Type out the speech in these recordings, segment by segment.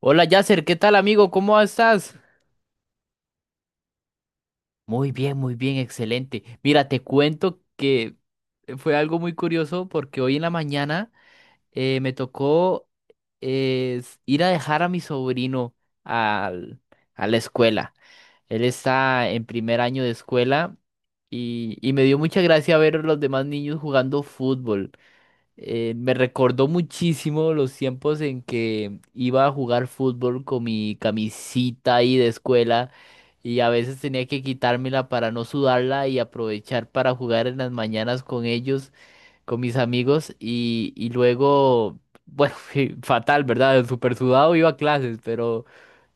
Hola Yasser, ¿qué tal amigo? ¿Cómo estás? Muy bien, excelente. Mira, te cuento que fue algo muy curioso porque hoy en la mañana me tocó ir a dejar a mi sobrino al- a la escuela. Él está en primer año de escuela y me dio mucha gracia ver a los demás niños jugando fútbol. Me recordó muchísimo los tiempos en que iba a jugar fútbol con mi camisita ahí de escuela y a veces tenía que quitármela para no sudarla y aprovechar para jugar en las mañanas con ellos, con mis amigos y luego, bueno, fatal, ¿verdad? Súper sudado iba a clases.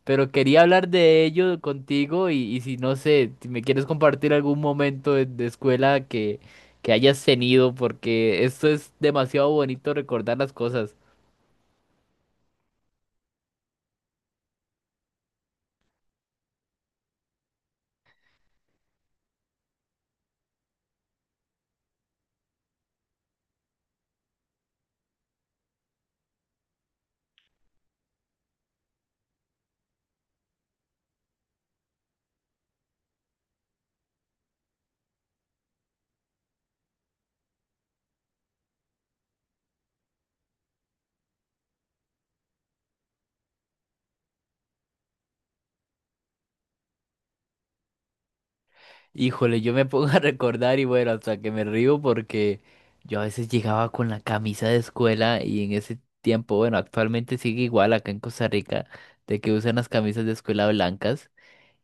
Pero quería hablar de ello contigo y si no sé, si me quieres compartir algún momento de escuela que hayas tenido, porque esto es demasiado bonito recordar las cosas. Híjole, yo me pongo a recordar y bueno, hasta que me río porque yo a veces llegaba con la camisa de escuela y en ese tiempo, bueno, actualmente sigue igual acá en Costa Rica, de que usan las camisas de escuela blancas.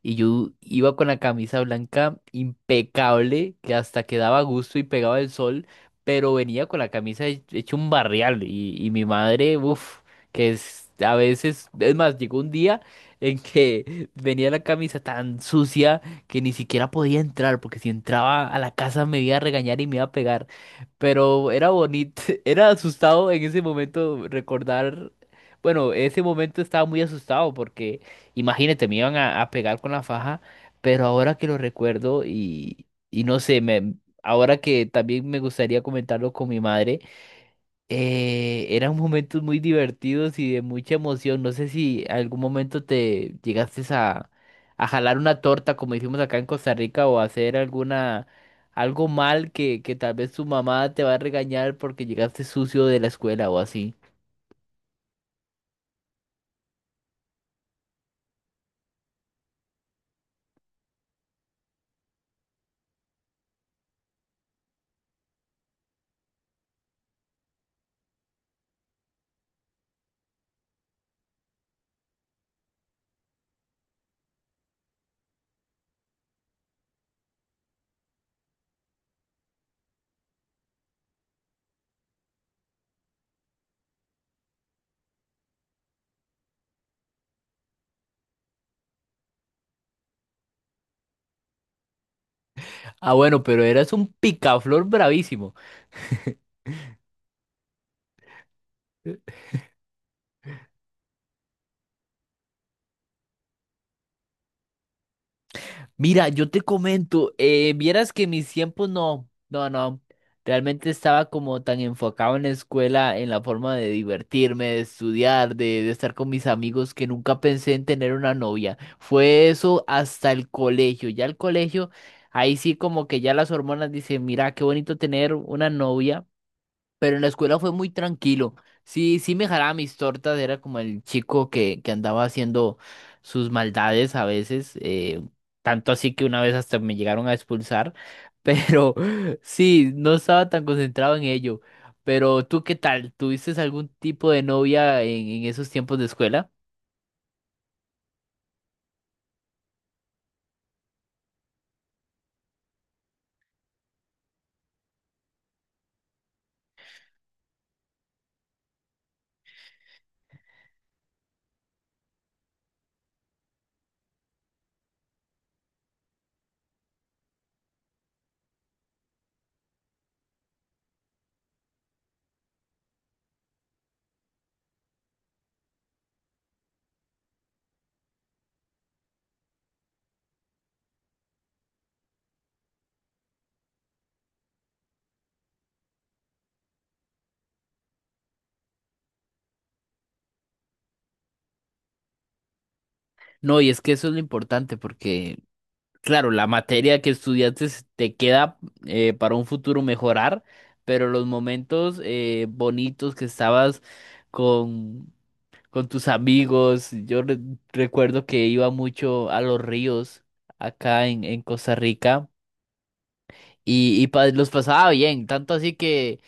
Y yo iba con la camisa blanca impecable, que hasta quedaba a gusto y pegaba el sol, pero venía con la camisa hecha un barrial. Y mi madre, uff, que es a veces, es más, llegó un día en que venía la camisa tan sucia que ni siquiera podía entrar, porque si entraba a la casa me iba a regañar y me iba a pegar. Pero era bonito, era asustado en ese momento recordar, bueno, ese momento estaba muy asustado porque. Imagínate, me iban a pegar con la faja, pero ahora que lo recuerdo y no sé, ahora que también me gustaría comentarlo con mi madre, eran momentos muy divertidos y de mucha emoción. No sé si algún momento te llegaste a jalar una torta, como hicimos acá en Costa Rica, o hacer algo mal que tal vez tu mamá te va a regañar porque llegaste sucio de la escuela o así. Ah, bueno, pero eras un picaflor bravísimo. Mira, yo te comento, vieras que mis tiempos no, no, no, realmente estaba como tan enfocado en la escuela, en la forma de divertirme, de estudiar, de estar con mis amigos, que nunca pensé en tener una novia. Fue eso hasta el colegio, ya el colegio, ahí sí como que ya las hormonas dicen, mira, qué bonito tener una novia. Pero en la escuela fue muy tranquilo. Sí, sí me jalaba mis tortas, era como el chico que andaba haciendo sus maldades a veces, tanto así que una vez hasta me llegaron a expulsar, pero sí, no estaba tan concentrado en ello. Pero tú, ¿qué tal? ¿Tuviste algún tipo de novia en esos tiempos de escuela? No, y es que eso es lo importante, porque claro, la materia que estudiaste te queda para un futuro mejorar, pero los momentos bonitos que estabas con, tus amigos, yo recuerdo que iba mucho a los ríos acá en Costa Rica y los pasaba bien, tanto así que,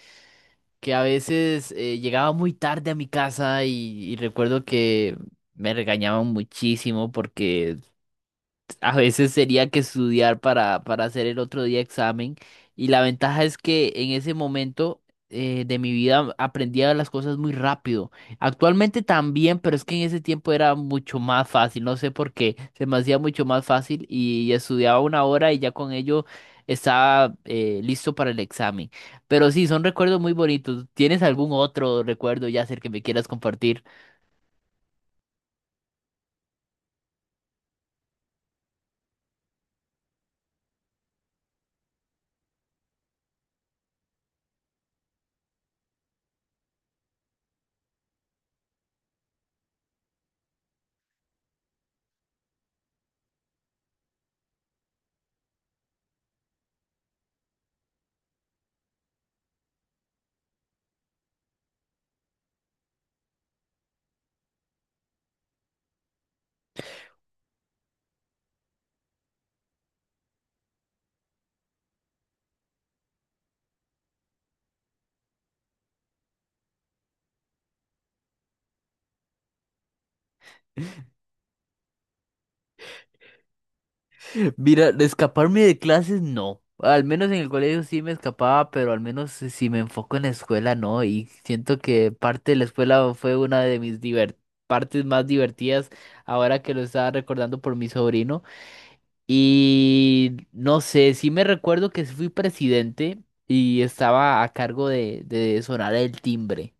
a veces llegaba muy tarde a mi casa y recuerdo que me regañaban muchísimo porque a veces sería que estudiar para hacer el otro día examen y la ventaja es que en ese momento de mi vida aprendía las cosas muy rápido. Actualmente también, pero es que en ese tiempo era mucho más fácil, no sé por qué, se me hacía mucho más fácil y estudiaba una hora y ya con ello estaba listo para el examen. Pero sí, son recuerdos muy bonitos. ¿Tienes algún otro recuerdo, Yasser, que me quieras compartir? Mira, de escaparme de clases no. Al menos en el colegio sí me escapaba, pero al menos si si me enfoco en la escuela no. Y siento que parte de la escuela fue una de mis partes más divertidas ahora que lo estaba recordando por mi sobrino. Y no sé, sí me recuerdo que sí fui presidente y estaba a cargo de sonar el timbre.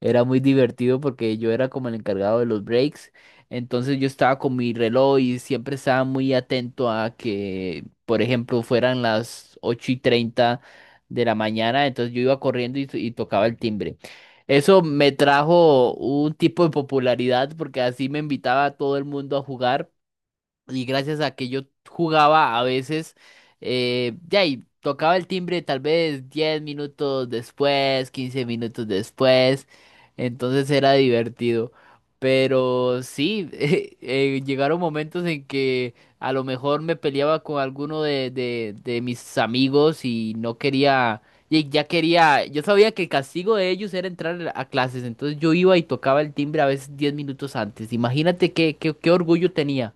Era muy divertido porque yo era como el encargado de los breaks. Entonces yo estaba con mi reloj y siempre estaba muy atento a que, por ejemplo, fueran las 8:30 de la mañana. Entonces yo iba corriendo y tocaba el timbre. Eso me trajo un tipo de popularidad porque así me invitaba a todo el mundo a jugar. Y gracias a que yo jugaba a veces, ya y tocaba el timbre tal vez 10 minutos después, 15 minutos después, entonces era divertido. Pero sí, llegaron momentos en que a lo mejor me peleaba con alguno de mis amigos y no quería, y ya quería, yo sabía que el castigo de ellos era entrar a clases, entonces yo iba y tocaba el timbre a veces 10 minutos antes. Imagínate qué orgullo tenía.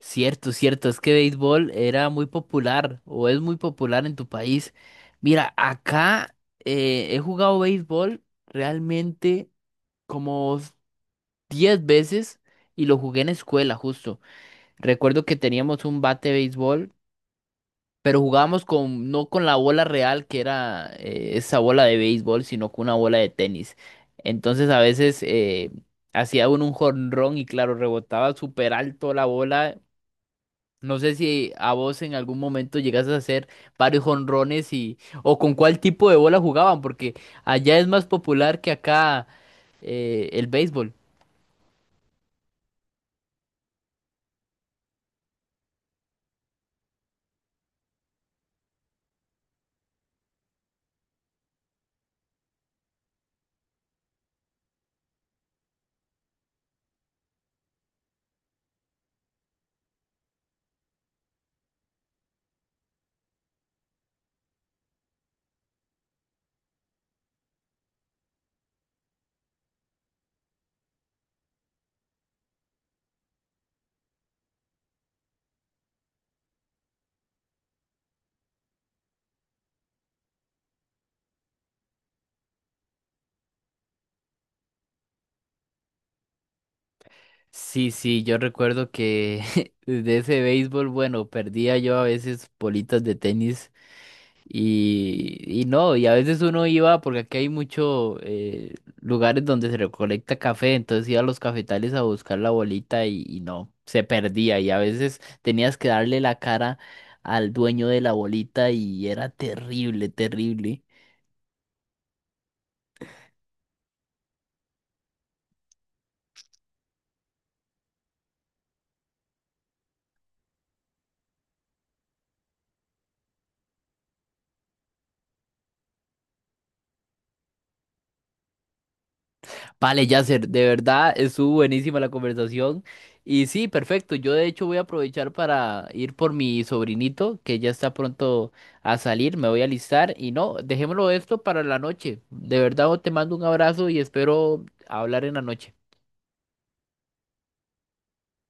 Cierto, cierto, es que béisbol era muy popular o es muy popular en tu país. Mira, acá he jugado béisbol realmente como 10 veces y lo jugué en escuela justo. Recuerdo que teníamos un bate de béisbol, pero jugábamos con, no con la bola real que era esa bola de béisbol, sino con una bola de tenis. Entonces a veces hacía uno un jonrón y claro, rebotaba súper alto la bola. No sé si a vos en algún momento llegaste a hacer varios jonrones o con cuál tipo de bola jugaban, porque allá es más popular que acá, el béisbol. Sí, sí, yo recuerdo que de ese béisbol, bueno, perdía yo a veces bolitas de tenis. Y no, y a veces uno iba, porque aquí hay muchos lugares donde se recolecta café, entonces iba a los cafetales a buscar la bolita y no, se perdía. Y a veces tenías que darle la cara al dueño de la bolita y era terrible, terrible. Vale, Yasser, de verdad estuvo buenísima la conversación. Y sí, perfecto. Yo de hecho voy a aprovechar para ir por mi sobrinito, que ya está pronto a salir. Me voy a alistar. Y no, dejémoslo esto para la noche. De verdad, te mando un abrazo y espero hablar en la noche.